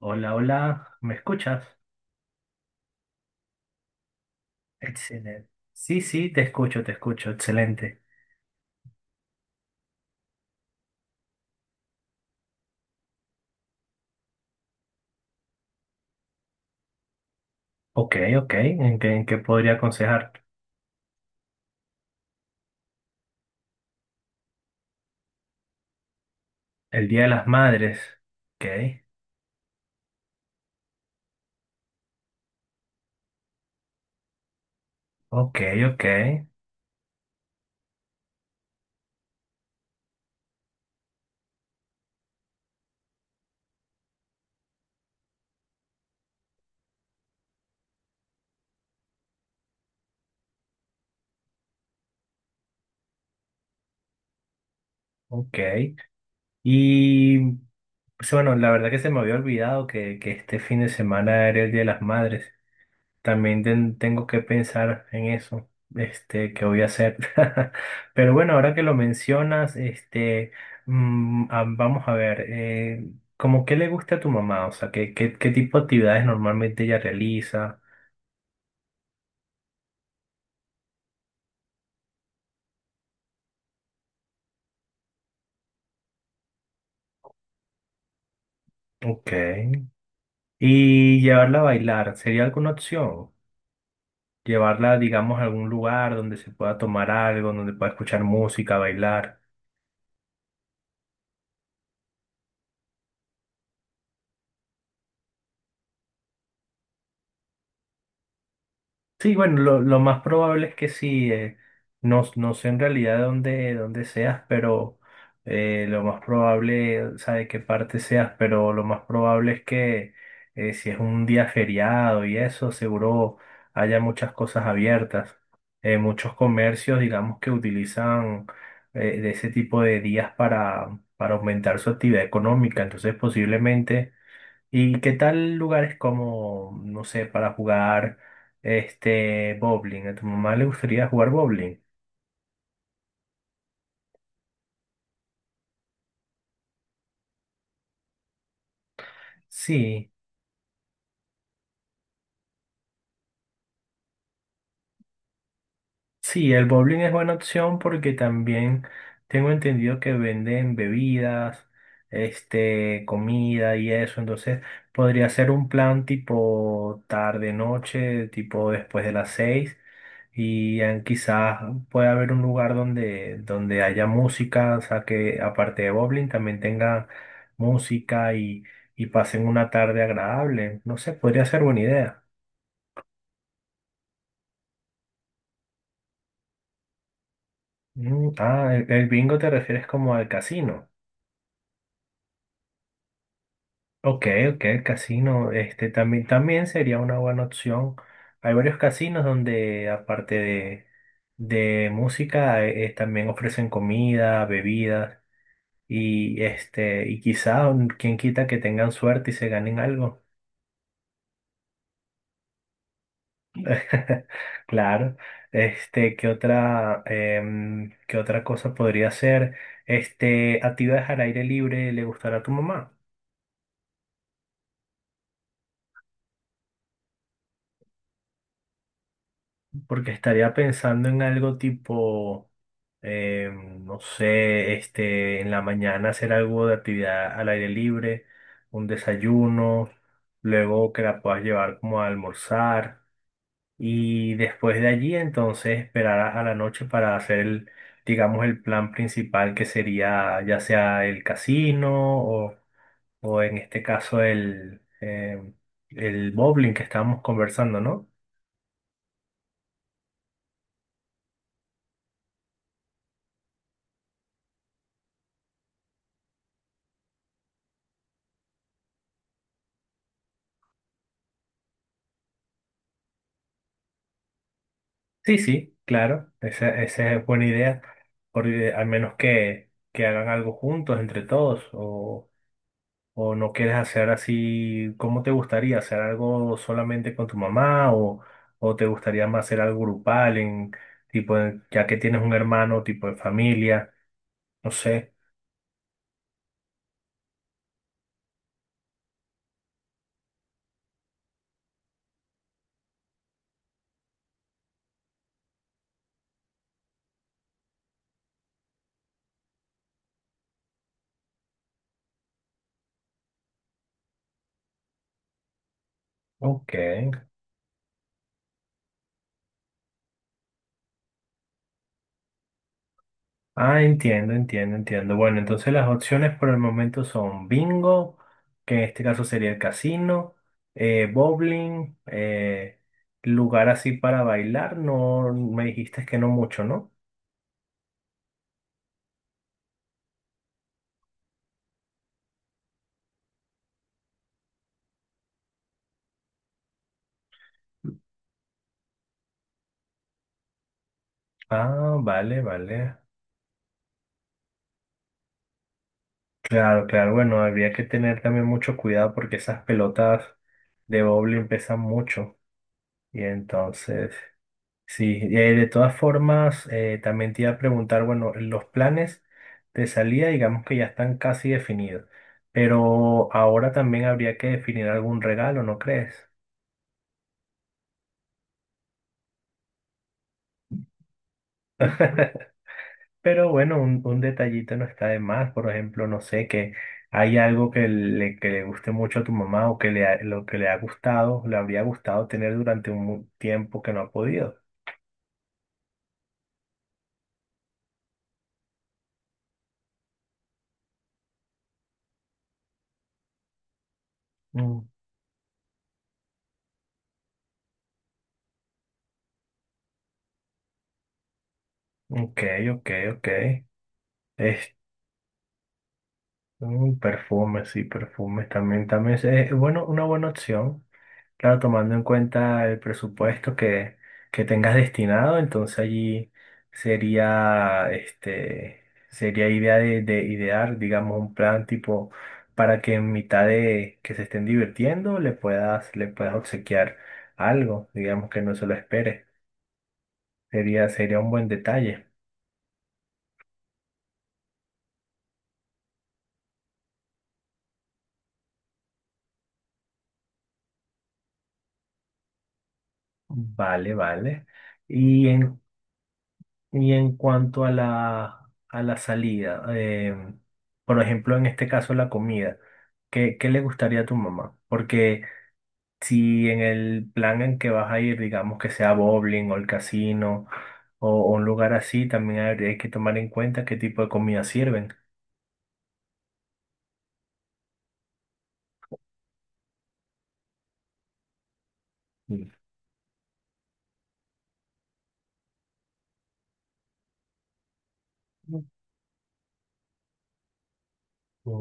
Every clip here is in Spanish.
Hola, hola, ¿me escuchas? Excelente. Sí, sí, te escucho, excelente. Ok, ok, en qué podría aconsejar? El Día de las Madres. Ok, ok, ok, ok. Y pues, bueno, la verdad que se me había olvidado que este fin de semana era el Día de las Madres. También tengo que pensar en eso, este, que voy a hacer. Pero bueno, ahora que lo mencionas, este, vamos a ver, ¿cómo qué le gusta a tu mamá? O sea, ¿qué, qué, qué tipo de actividades normalmente ella realiza? Ok. ¿Y llevarla a bailar? ¿Sería alguna opción? Llevarla, digamos, a algún lugar donde se pueda tomar algo, donde pueda escuchar música, bailar. Sí, bueno, lo más probable es que sí. No, no sé en realidad dónde, dónde seas, pero lo más probable, o sea, de qué parte seas, pero lo más probable es que, si es un día feriado y eso, seguro haya muchas cosas abiertas. Muchos comercios, digamos, que utilizan, de ese tipo de días para aumentar su actividad económica. Entonces, posiblemente ¿y qué tal lugares como, no sé, para jugar este bowling? ¿A tu mamá le gustaría jugar bowling? Sí. Sí, el bowling es buena opción porque también tengo entendido que venden bebidas, este, comida y eso. Entonces podría ser un plan tipo tarde, noche, tipo después de las seis. Y quizás pueda haber un lugar donde, donde haya música, o sea que aparte de bowling también tenga música y pasen una tarde agradable. No sé, podría ser buena idea. El bingo te refieres como al casino. Ok, ok, el casino, este también, también sería una buena opción. Hay varios casinos donde, aparte de música, también ofrecen comida, bebidas, y este, y quizá quien quita que tengan suerte y se ganen algo. Claro. Este, ¿qué otra, qué otra cosa podría ser? Este, actividades al aire libre, ¿le gustará a tu mamá? Porque estaría pensando en algo tipo, no sé, este, en la mañana hacer algo de actividad al aire libre, un desayuno, luego que la puedas llevar como a almorzar y después de allí entonces esperar a la noche para hacer el, digamos, el plan principal que sería ya sea el casino o en este caso el bowling que estábamos conversando, ¿no? Sí, sí, claro, esa es buena idea, porque al menos que hagan algo juntos, entre todos, o no quieres hacer así, ¿cómo te gustaría? ¿Hacer algo solamente con tu mamá o te gustaría más hacer algo grupal, en, tipo, ya que tienes un hermano, tipo de familia? No sé. Ok. Ah, entiendo, entiendo, entiendo. Bueno, entonces las opciones por el momento son bingo, que en este caso sería el casino, bowling, lugar así para bailar, no me dijiste que no mucho, ¿no? Ah, vale, vale. Claro, claro, bueno, habría que tener también mucho cuidado porque esas pelotas de bowling pesan mucho y entonces... Sí, de todas formas, también te iba a preguntar, bueno, los planes de salida, digamos que ya están casi definidos, pero ahora también habría que definir algún regalo, ¿no crees? Pero bueno, un detallito no está de más, por ejemplo, no sé, que hay algo que que le guste mucho a tu mamá o que lo que le ha gustado, le habría gustado tener durante un tiempo que no ha podido. Mm, ok, ok, ok. Perfumes, sí, perfumes también, también es bueno, una buena opción. Claro, tomando en cuenta el presupuesto que tengas destinado, entonces allí sería, este, sería idea de idear, digamos, un plan tipo para que en mitad de que se estén divirtiendo le puedas obsequiar algo, digamos que no se lo espere. Sería, sería un buen detalle. Vale, vale. Y en Y en cuanto a a la salida, por ejemplo, en este caso la comida, ¿qué, qué le gustaría a tu mamá? Porque si en el plan en que vas a ir, digamos que sea bowling o el casino o un lugar así, también hay que tomar en cuenta qué tipo de comida sirven. Mm.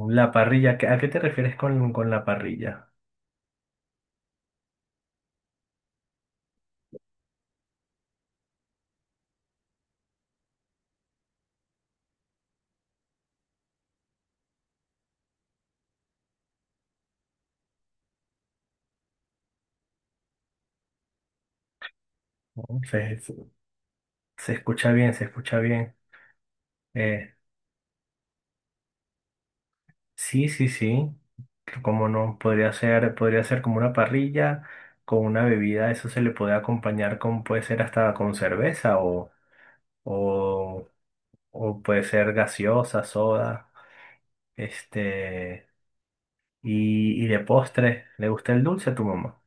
La parrilla, ¿a qué te refieres con la parrilla? ¿No? se- Se escucha bien, se escucha bien. Eh, Sí, sí, sí. Como no, podría ser como una parrilla con una bebida, eso se le puede acompañar con, puede ser hasta con cerveza o, o puede ser gaseosa, soda, este, y de postre, ¿le gusta el dulce a tu mamá?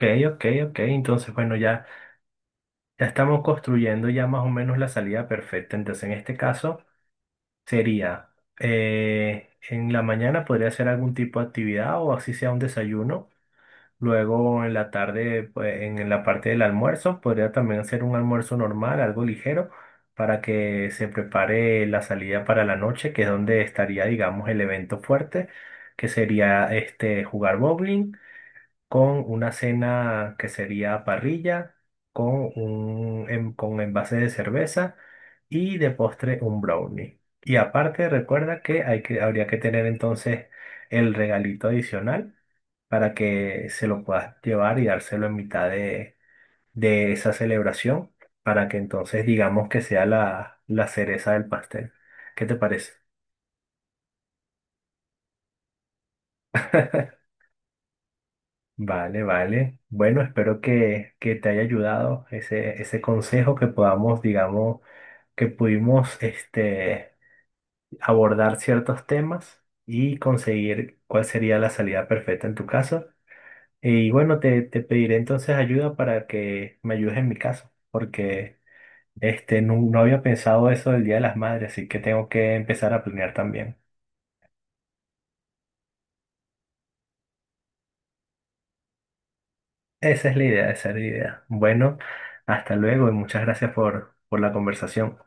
Ok, ok, ok, entonces bueno, ya, ya estamos construyendo ya más o menos la salida perfecta, entonces en este caso sería, en la mañana podría ser algún tipo de actividad o así sea un desayuno. Luego en la tarde, pues en la parte del almuerzo, podría también hacer un almuerzo normal, algo ligero, para que se prepare la salida para la noche, que es donde estaría, digamos, el evento fuerte, que sería este jugar bowling con una cena que sería parrilla, con un con envase de cerveza y de postre un brownie. Y aparte, recuerda que hay que habría que tener entonces el regalito adicional para que se lo puedas llevar y dárselo en mitad de esa celebración, para que entonces digamos que sea la cereza del pastel. ¿Qué te parece? Vale, vale. Bueno, espero que te haya ayudado ese, ese consejo, que podamos, digamos, que pudimos este, abordar ciertos temas y conseguir cuál sería la salida perfecta en tu caso. Y bueno, te pediré entonces ayuda para que me ayudes en mi caso, porque este, no, no había pensado eso del Día de las Madres, así que tengo que empezar a planear también. Esa es la idea, esa es la idea. Bueno, hasta luego y muchas gracias por la conversación.